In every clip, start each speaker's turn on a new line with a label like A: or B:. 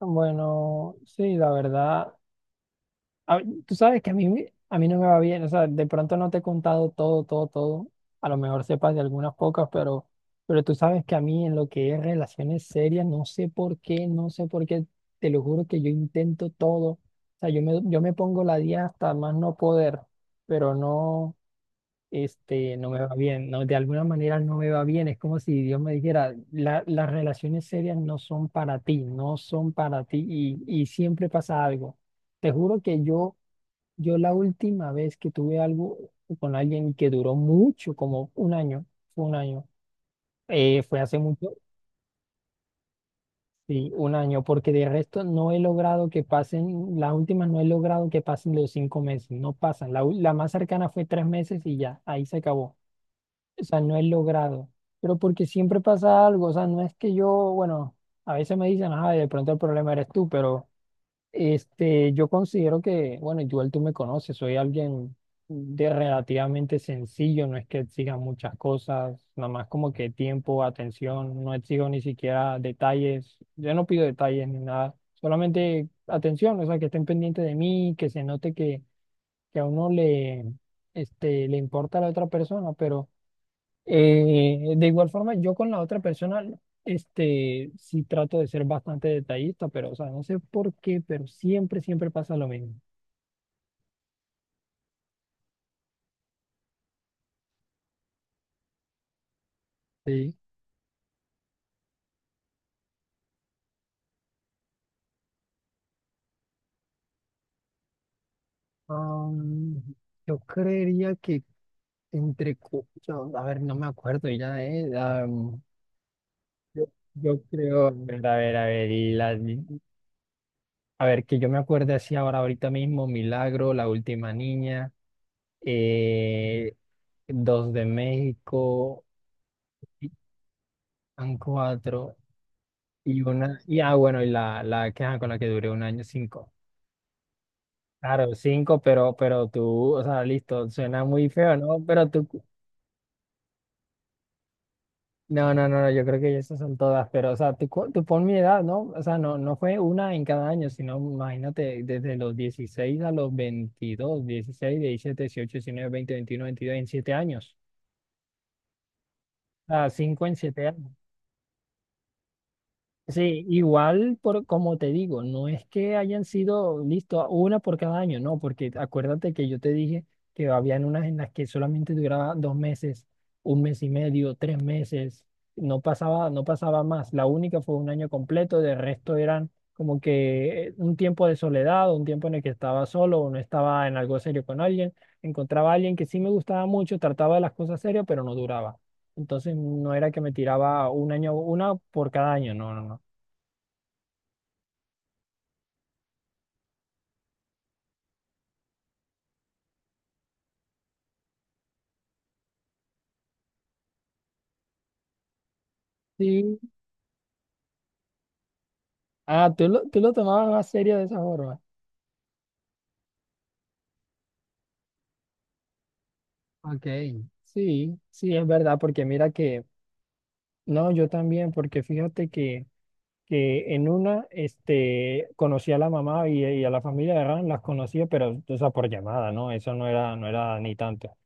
A: Bueno, sí, la verdad, tú sabes que a mí, a mí no me va bien, o sea, de pronto no te he contado todo, todo, todo, a lo mejor sepas de algunas pocas, pero, tú sabes que a mí en lo que es relaciones serias, no sé por qué, no sé por qué, te lo juro que yo intento todo, o sea, yo me pongo la día hasta más no poder, pero no. No me va bien, no, de alguna manera no me va bien, es como si Dios me dijera, Las relaciones serias no son para ti, no son para ti y siempre pasa algo." Te juro que yo, la última vez que tuve algo con alguien que duró mucho, como un año, fue hace mucho, sí, un año, porque de resto no he logrado que pasen, las últimas no he logrado que pasen los 5 meses, no pasan, la más cercana fue 3 meses y ya, ahí se acabó. O sea, no he logrado. Pero porque siempre pasa algo. O sea, no es que yo, bueno, a veces me dicen, ah, de pronto el problema eres tú, pero yo considero que, bueno, igual tú me conoces, soy alguien de relativamente sencillo, no es que exija muchas cosas, nada más como que tiempo, atención, no exijo ni siquiera detalles. Yo no pido detalles ni nada, solamente atención, o sea, que estén pendientes de mí, que se note que a uno le, le importa a la otra persona, pero. De igual forma, yo con la otra persona, sí trato de ser bastante detallista, pero, o sea, no sé por qué, pero siempre, siempre pasa lo mismo. Sí. Am, yo creería que entre, a ver, no me acuerdo ya, yo, yo creo, a ver, a ver, a ver, a ver, que yo me acuerde así ahora, ahorita mismo, Milagro, La Última Niña, eh, Dos de México, han cuatro. Y una, y ah, bueno, la que, ajá, con la que duré un año, cinco. Claro, cinco, pero, tú, o sea, listo, suena muy feo, ¿no? Pero tú, no, no, no, no, yo creo que esas son todas, pero, o sea, tú, tú pon mi edad, ¿no? O sea, no, no fue una en cada año, sino, imagínate, desde los 16 a los 22 16 17 18 19 20 21 22 en 7 años. O sea, cinco en siete. Sí, igual por como te digo, no es que hayan sido listo una por cada año, no, porque acuérdate que yo te dije que habían unas en las que solamente duraba 2 meses, un mes y medio, 3 meses, no pasaba, no pasaba más. La única fue un año completo, de resto eran como que un tiempo de soledad, o un tiempo en el que estaba solo o no estaba en algo serio con alguien, encontraba a alguien que sí me gustaba mucho, trataba de las cosas serias, pero no duraba. Entonces no era que me tiraba un año, una por cada año, no, no, no. Sí. Ah, tú lo tomabas más serio de esa forma. Ok. Sí, sí, es verdad, porque mira que, no, yo también, porque fíjate que en una, conocí a la mamá y a la familia de Ran, las conocía, pero, o sea, por llamada, ¿no? Eso no era, no era ni tanto.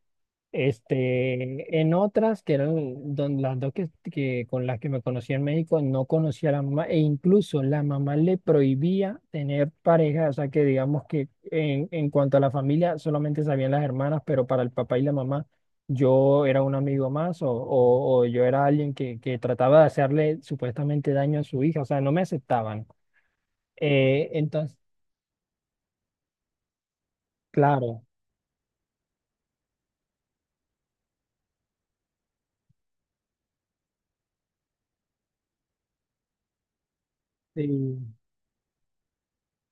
A: Este, en otras, que eran las dos que con las que me conocí en México, no conocía a la mamá e incluso la mamá le prohibía tener pareja, o sea que digamos que en cuanto a la familia solamente sabían las hermanas, pero para el papá y la mamá yo era un amigo más o, o yo era alguien que trataba de hacerle supuestamente daño a su hija, o sea, no me aceptaban. Entonces, claro. Sí.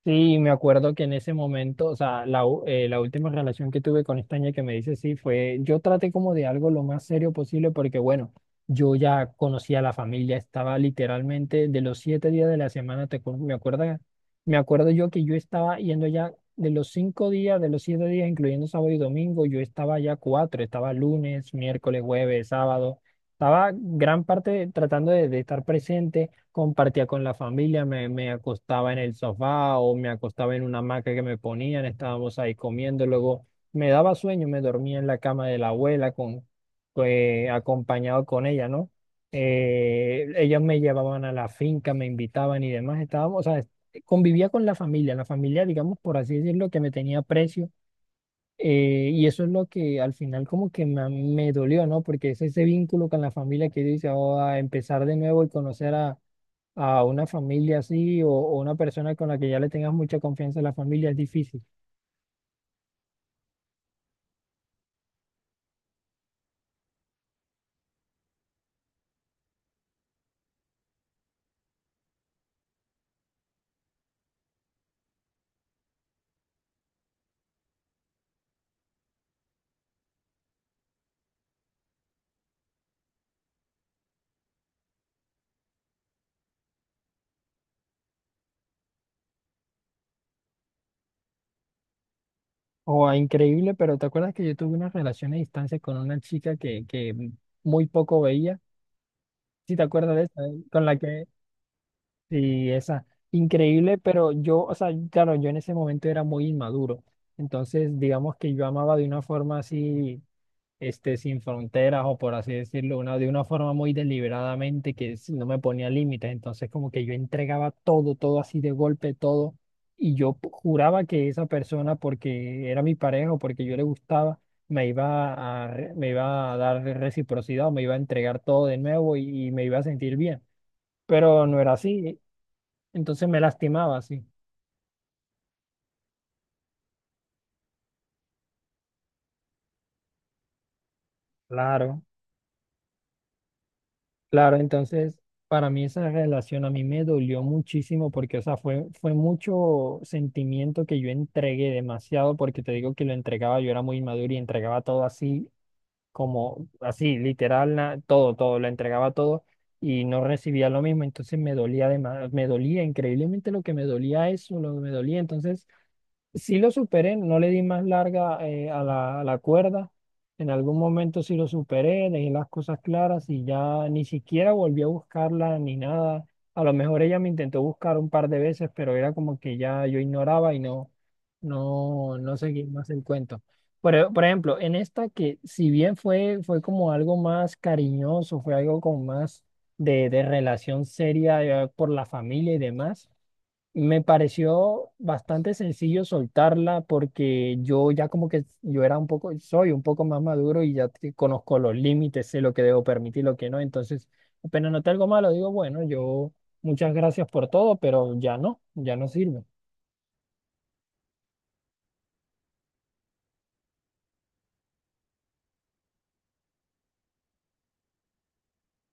A: Sí, me acuerdo que en ese momento, o sea, la última relación que tuve con esta niña que me dice sí fue, yo traté como de algo lo más serio posible porque, bueno, yo ya conocía a la familia, estaba literalmente de los 7 días de la semana, me acuerdo yo que yo estaba yendo ya de los 5 días, de los 7 días, incluyendo sábado y domingo, yo estaba ya cuatro, estaba lunes, miércoles, jueves, sábado, estaba gran parte tratando de estar presente, compartía con la familia, me acostaba en el sofá o me acostaba en una hamaca que me ponían, estábamos ahí comiendo, luego me daba sueño, me dormía en la cama de la abuela con, pues, acompañado con ella, ¿no? Ellos me llevaban a la finca, me invitaban y demás, estábamos, o sea, convivía con la familia, digamos, por así decirlo, que me tenía precio. Y eso es lo que al final como que me dolió, ¿no? Porque es ese vínculo con la familia que dice, oh, a empezar de nuevo y conocer a, una familia así o, una persona con la que ya le tengas mucha confianza en la familia es difícil. O a increíble, pero ¿te acuerdas que yo tuve una relación a distancia con una chica que muy poco veía? ¿Sí te acuerdas de esa? Con la que, sí, esa, increíble, pero yo, o sea, claro, yo en ese momento era muy inmaduro, entonces digamos que yo amaba de una forma así. Sin fronteras o por así decirlo, una, de una forma muy deliberadamente no me ponía límites. Entonces como que yo entregaba todo, todo así de golpe, todo. Y yo juraba que esa persona, porque era mi pareja o porque yo le gustaba, me iba a dar reciprocidad o me iba a entregar todo de nuevo y me iba a sentir bien. Pero no era así. Entonces me lastimaba, sí. Claro. Claro, entonces para mí esa relación a mí me dolió muchísimo porque, o sea, fue, fue mucho sentimiento que yo entregué demasiado porque te digo que lo entregaba, yo era muy maduro y entregaba todo así, como así, literal, todo, todo, lo entregaba todo y no recibía lo mismo, entonces me dolía además, me dolía increíblemente lo que me dolía eso, lo que me dolía, entonces sí lo superé, no le di más larga a la cuerda. En algún momento sí lo superé, dejé las cosas claras y ya ni siquiera volví a buscarla ni nada. A lo mejor ella me intentó buscar un par de veces, pero era como que ya yo ignoraba y no, no, no seguí más el cuento. Por ejemplo, en esta que si bien fue, fue como algo más cariñoso, fue algo como más de, relación seria por la familia y demás. Me pareció bastante sencillo soltarla porque yo ya como que yo era un poco, soy un poco más maduro y ya conozco los límites, sé lo que debo permitir, lo que no. Entonces, apenas noté algo malo, digo, bueno, yo muchas gracias por todo, pero ya no, ya no sirve.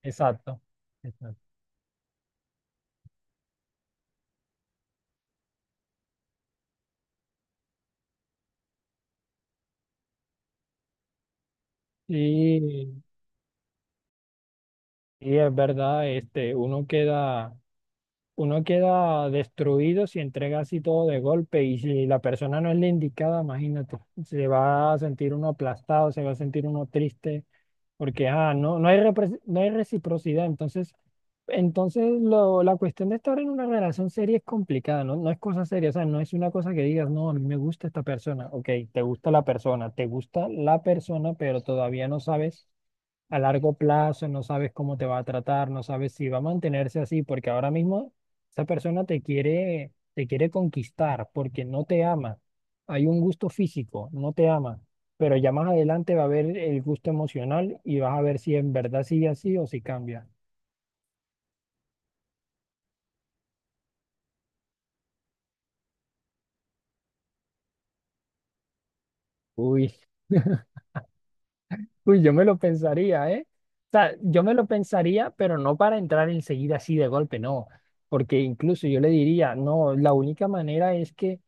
A: Exacto. Exacto. Y, y es verdad, uno queda. Uno queda destruido si entrega así todo de golpe y si la persona no es la indicada, imagínate, se va a sentir uno aplastado, se va a sentir uno triste, porque ah, no, no hay, no hay reciprocidad. Entonces lo, la cuestión de estar en una relación seria es complicada, ¿no? No es cosa seria, o sea, no es una cosa que digas, no, a mí me gusta esta persona, ok, te gusta la persona, te gusta la persona, pero todavía no sabes a largo plazo, no sabes cómo te va a tratar, no sabes si va a mantenerse así, porque ahora mismo esa persona te quiere conquistar porque no te ama. Hay un gusto físico, no te ama, pero ya más adelante va a haber el gusto emocional y vas a ver si en verdad sigue así o si cambia. Uy, uy, yo me lo pensaría, ¿eh? O sea, yo me lo pensaría, pero no para entrar enseguida así de golpe, no, porque incluso yo le diría, no, la única manera es que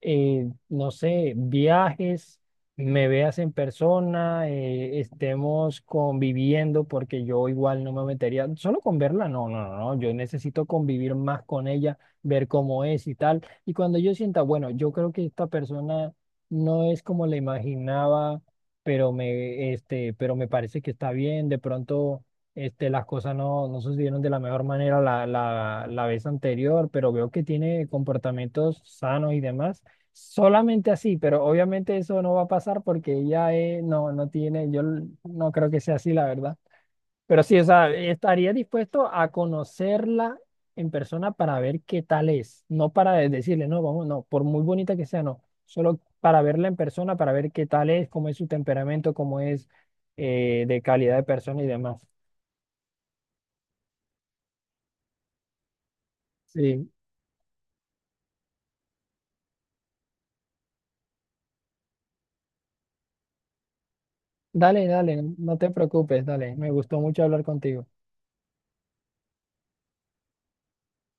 A: no sé, viajes, me veas en persona, estemos conviviendo, porque yo igual no me metería, solo con verla, no, no, no, no, yo necesito convivir más con ella, ver cómo es y tal. Y cuando yo sienta, bueno, yo creo que esta persona no es como la imaginaba, pero me parece que está bien, de pronto. Este, las cosas no, no sucedieron de la mejor manera la, la vez anterior, pero veo que tiene comportamientos sanos y demás. Solamente así, pero obviamente eso no va a pasar porque ella no, no tiene, yo no creo que sea así, la verdad. Pero sí, o sea, estaría dispuesto a conocerla en persona para ver qué tal es, no para decirle, no, vamos, no, por muy bonita que sea, no, solo para verla en persona, para ver qué tal es, cómo es su temperamento, cómo es de calidad de persona y demás. Sí, dale, dale, no te preocupes, dale, me gustó mucho hablar contigo.